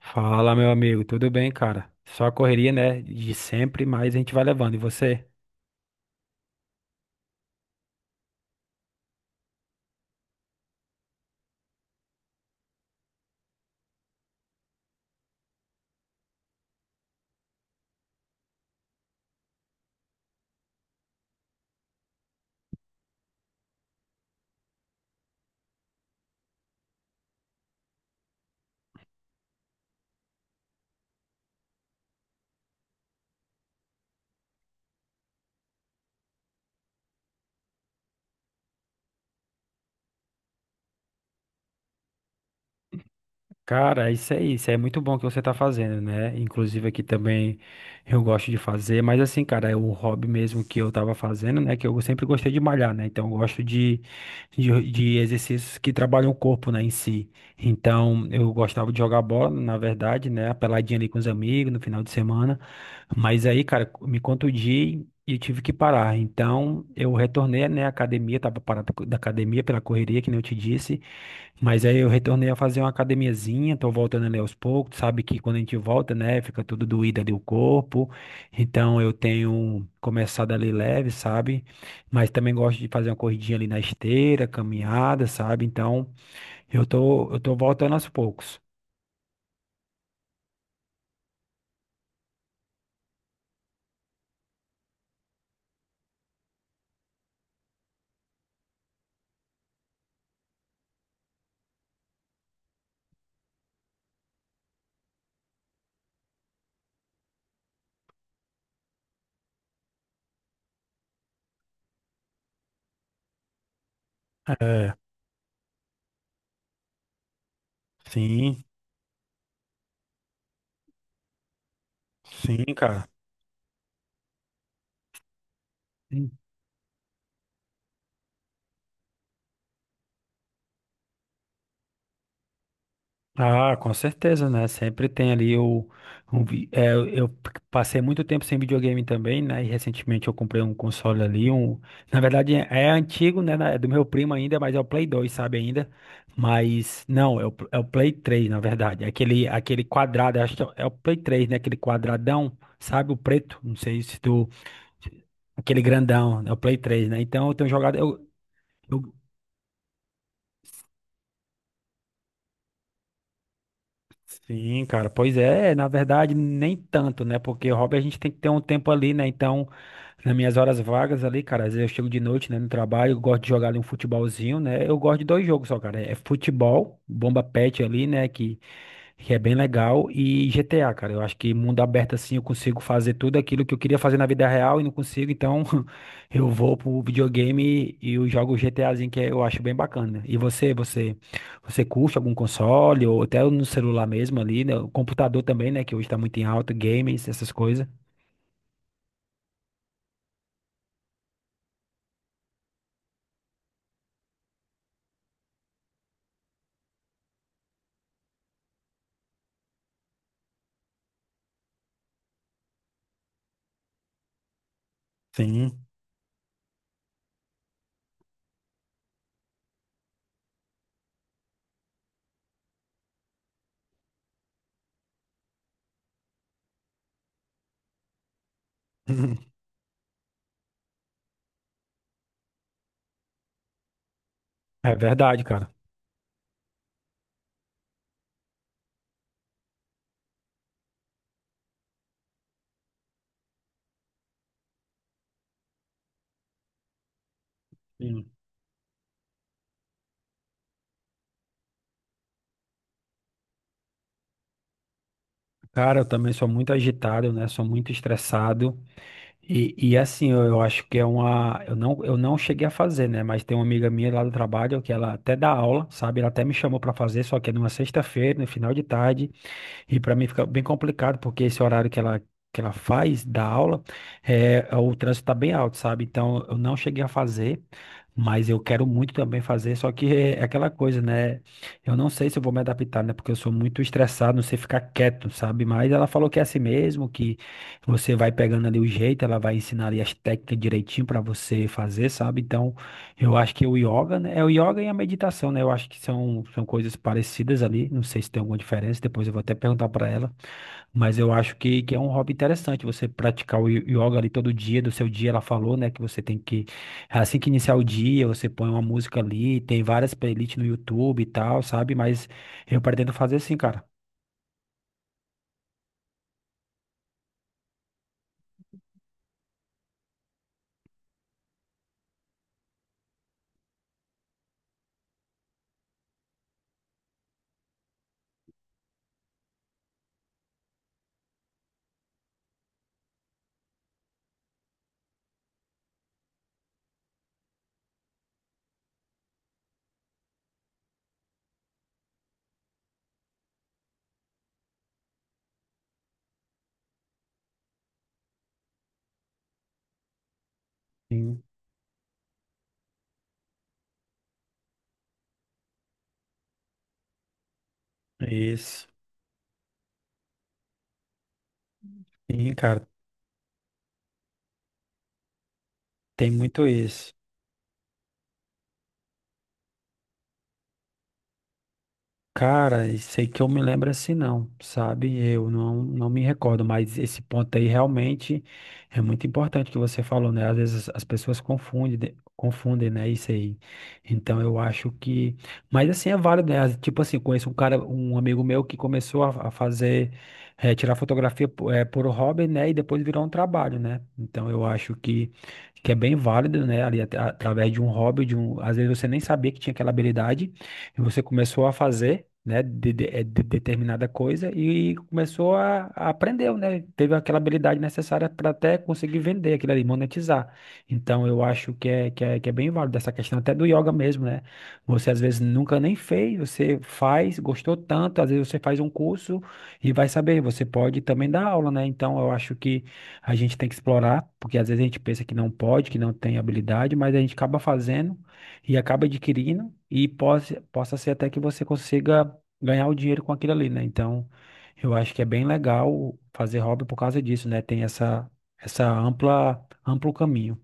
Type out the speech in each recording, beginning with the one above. Fala, meu amigo, tudo bem, cara? Só a correria, né? De sempre, mas a gente vai levando. E você? Cara, isso, é muito bom que você tá fazendo, né? Inclusive aqui também eu gosto de fazer, mas assim, cara, é o hobby mesmo que eu tava fazendo, né? Que eu sempre gostei de malhar, né? Então eu gosto de exercícios que trabalham o corpo, né, em si. Então eu gostava de jogar bola, na verdade, né? A peladinha ali com os amigos no final de semana. Mas aí, cara, me contundi e eu tive que parar. Então eu retornei, né, à academia, tava parado da academia pela correria, que nem eu te disse. Mas aí eu retornei a fazer uma academiazinha, tô voltando ali aos poucos, sabe que quando a gente volta, né, fica tudo doído ali o corpo, então eu tenho começado ali leve, sabe, mas também gosto de fazer uma corridinha ali na esteira, caminhada, sabe, então eu tô voltando aos poucos. É, sim, sim, cara. Ah, com certeza, né? Sempre tem ali o. Eu passei muito tempo sem videogame também, né? E recentemente eu comprei um console ali, um. Na verdade é antigo, né? É do meu primo ainda, mas é o Play 2, sabe ainda? Mas não, é o Play 3, na verdade. É aquele, aquele quadrado, acho que é o Play 3, né? Aquele quadradão, sabe? O preto. Não sei se tu. Aquele grandão, é o Play 3, né? Então eu tenho jogado. Eu- Sim, cara, pois é, na verdade, nem tanto, né? Porque hobby a gente tem que ter um tempo ali, né? Então, nas minhas horas vagas ali, cara, às vezes eu chego de noite, né, no trabalho, eu gosto de jogar ali um futebolzinho, né? Eu gosto de dois jogos só, cara. É futebol, bomba pet ali, né? Que é bem legal. E GTA, cara, eu acho que mundo aberto assim eu consigo fazer tudo aquilo que eu queria fazer na vida real e não consigo, então eu vou pro videogame e eu jogo o GTAzinho que eu acho bem bacana. E você, você curte algum console ou até no celular mesmo ali, né? O computador também, né, que hoje tá muito em alta, games, essas coisas. Sim. É verdade, cara. Sim. Cara, eu também sou muito agitado, né? Sou muito estressado. E assim, eu acho que é uma. Eu não cheguei a fazer, né? Mas tem uma amiga minha lá do trabalho que ela até dá aula, sabe? Ela até me chamou para fazer, só que é numa sexta-feira, no final de tarde. E para mim fica bem complicado, porque esse horário que ela faz da aula, é, o trânsito está bem alto, sabe? Então eu não cheguei a fazer, mas eu quero muito também fazer, só que é aquela coisa, né? Eu não sei se eu vou me adaptar, né? Porque eu sou muito estressado, não sei ficar quieto, sabe? Mas ela falou que é assim mesmo, que você vai pegando ali o jeito, ela vai ensinar ali as técnicas direitinho para você fazer, sabe? Então. Eu acho que o yoga, né? É o yoga e a meditação, né? Eu acho que são, são coisas parecidas ali. Não sei se tem alguma diferença, depois eu vou até perguntar para ela. Mas eu acho que é um hobby interessante você praticar o yoga ali todo dia, do seu dia. Ela falou, né? Que você tem que, assim que iniciar o dia, você põe uma música ali. Tem várias playlists no YouTube e tal, sabe? Mas eu pretendo fazer assim, cara. Sim, isso. Sim, cara, tem muito isso. Cara, sei que eu me lembro assim não, sabe? Eu não, não me recordo, mas esse ponto aí realmente é muito importante que você falou, né? Às vezes as pessoas confundem, confundem, né? Isso aí. Então eu acho que, mas assim é válido, né? Tipo assim, conheço um cara, um amigo meu que começou a fazer, tirar fotografia por hobby, né? E depois virou um trabalho, né? Então eu acho que é bem válido, né? Ali através de um hobby, de um, às vezes você nem sabia que tinha aquela habilidade você começou a fazer, né, determinada coisa e começou a aprender, né? Teve aquela habilidade necessária para até conseguir vender aquilo ali, monetizar. Então, eu acho que é bem válido essa questão até do yoga mesmo, né? Você às vezes nunca nem fez, você faz, gostou tanto, às vezes você faz um curso e vai saber, você pode também dar aula, né? Então, eu acho que a gente tem que explorar, porque às vezes a gente pensa que não pode, que não tem habilidade, mas a gente acaba fazendo e acaba adquirindo e possa ser até que você consiga ganhar o dinheiro com aquilo ali, né? Então, eu acho que é bem legal fazer hobby por causa disso, né? Tem essa, amplo caminho.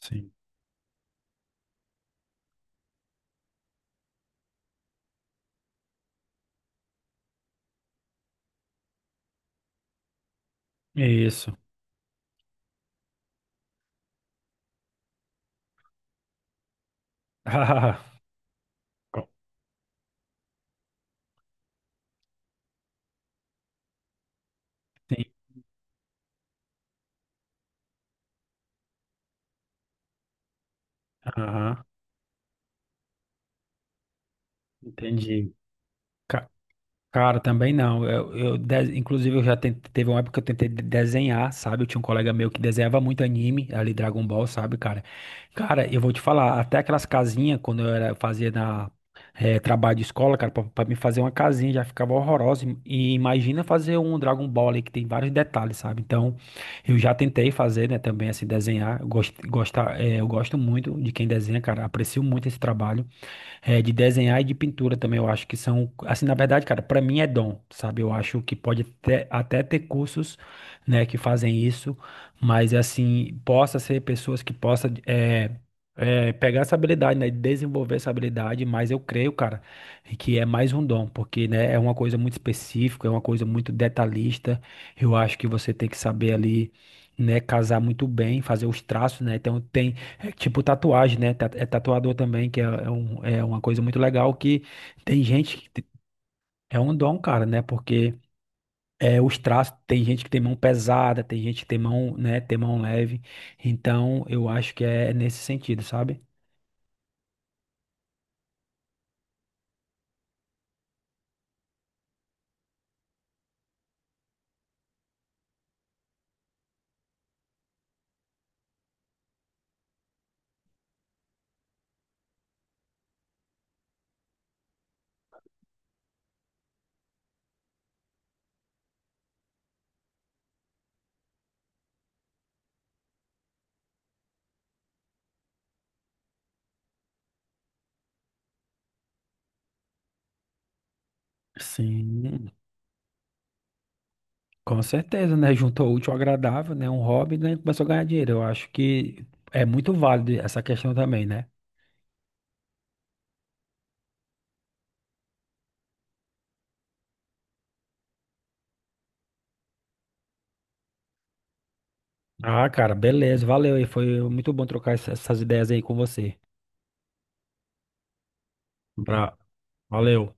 Sim. Isso. Ah, sim. Aham. Entendi. Ca- Cara, também não. Inclusive, eu já teve uma época que eu tentei desenhar, sabe? Eu tinha um colega meu que desenhava muito anime, ali Dragon Ball, sabe, cara? Cara, eu vou te falar, até aquelas casinhas, quando eu era, fazia na, trabalho de escola, cara, pra me fazer uma casinha já ficava horrorosa. E imagina fazer um Dragon Ball ali que tem vários detalhes, sabe? Então, eu já tentei fazer, né, também, assim, desenhar. Eu gosto muito de quem desenha, cara. Aprecio muito esse trabalho. É, de desenhar e de pintura também, eu acho que são, assim, na verdade, cara, pra mim é dom, sabe? Eu acho que pode até, até ter cursos, né, que fazem isso, mas, assim, possa ser pessoas que possa pegar essa habilidade, né, desenvolver essa habilidade, mas eu creio, cara, que é mais um dom, porque, né, é uma coisa muito específica, é uma coisa muito detalhista, eu acho que você tem que saber ali, né, casar muito bem, fazer os traços, né, então tem é tipo tatuagem, né? É tatuador também, que é é uma coisa muito legal que tem gente que é um dom, cara, né? Porque é os traços, tem gente que tem mão pesada, tem gente que tem mão, né, tem mão leve. Então, eu acho que é nesse sentido, sabe? Sim, com certeza, né? Juntou o útil ao agradável, né? Um hobby, né? Começou a ganhar dinheiro. Eu acho que é muito válido essa questão também, né? Ah, cara, beleza, valeu aí. Foi muito bom trocar essas ideias aí com você. Bra- Valeu.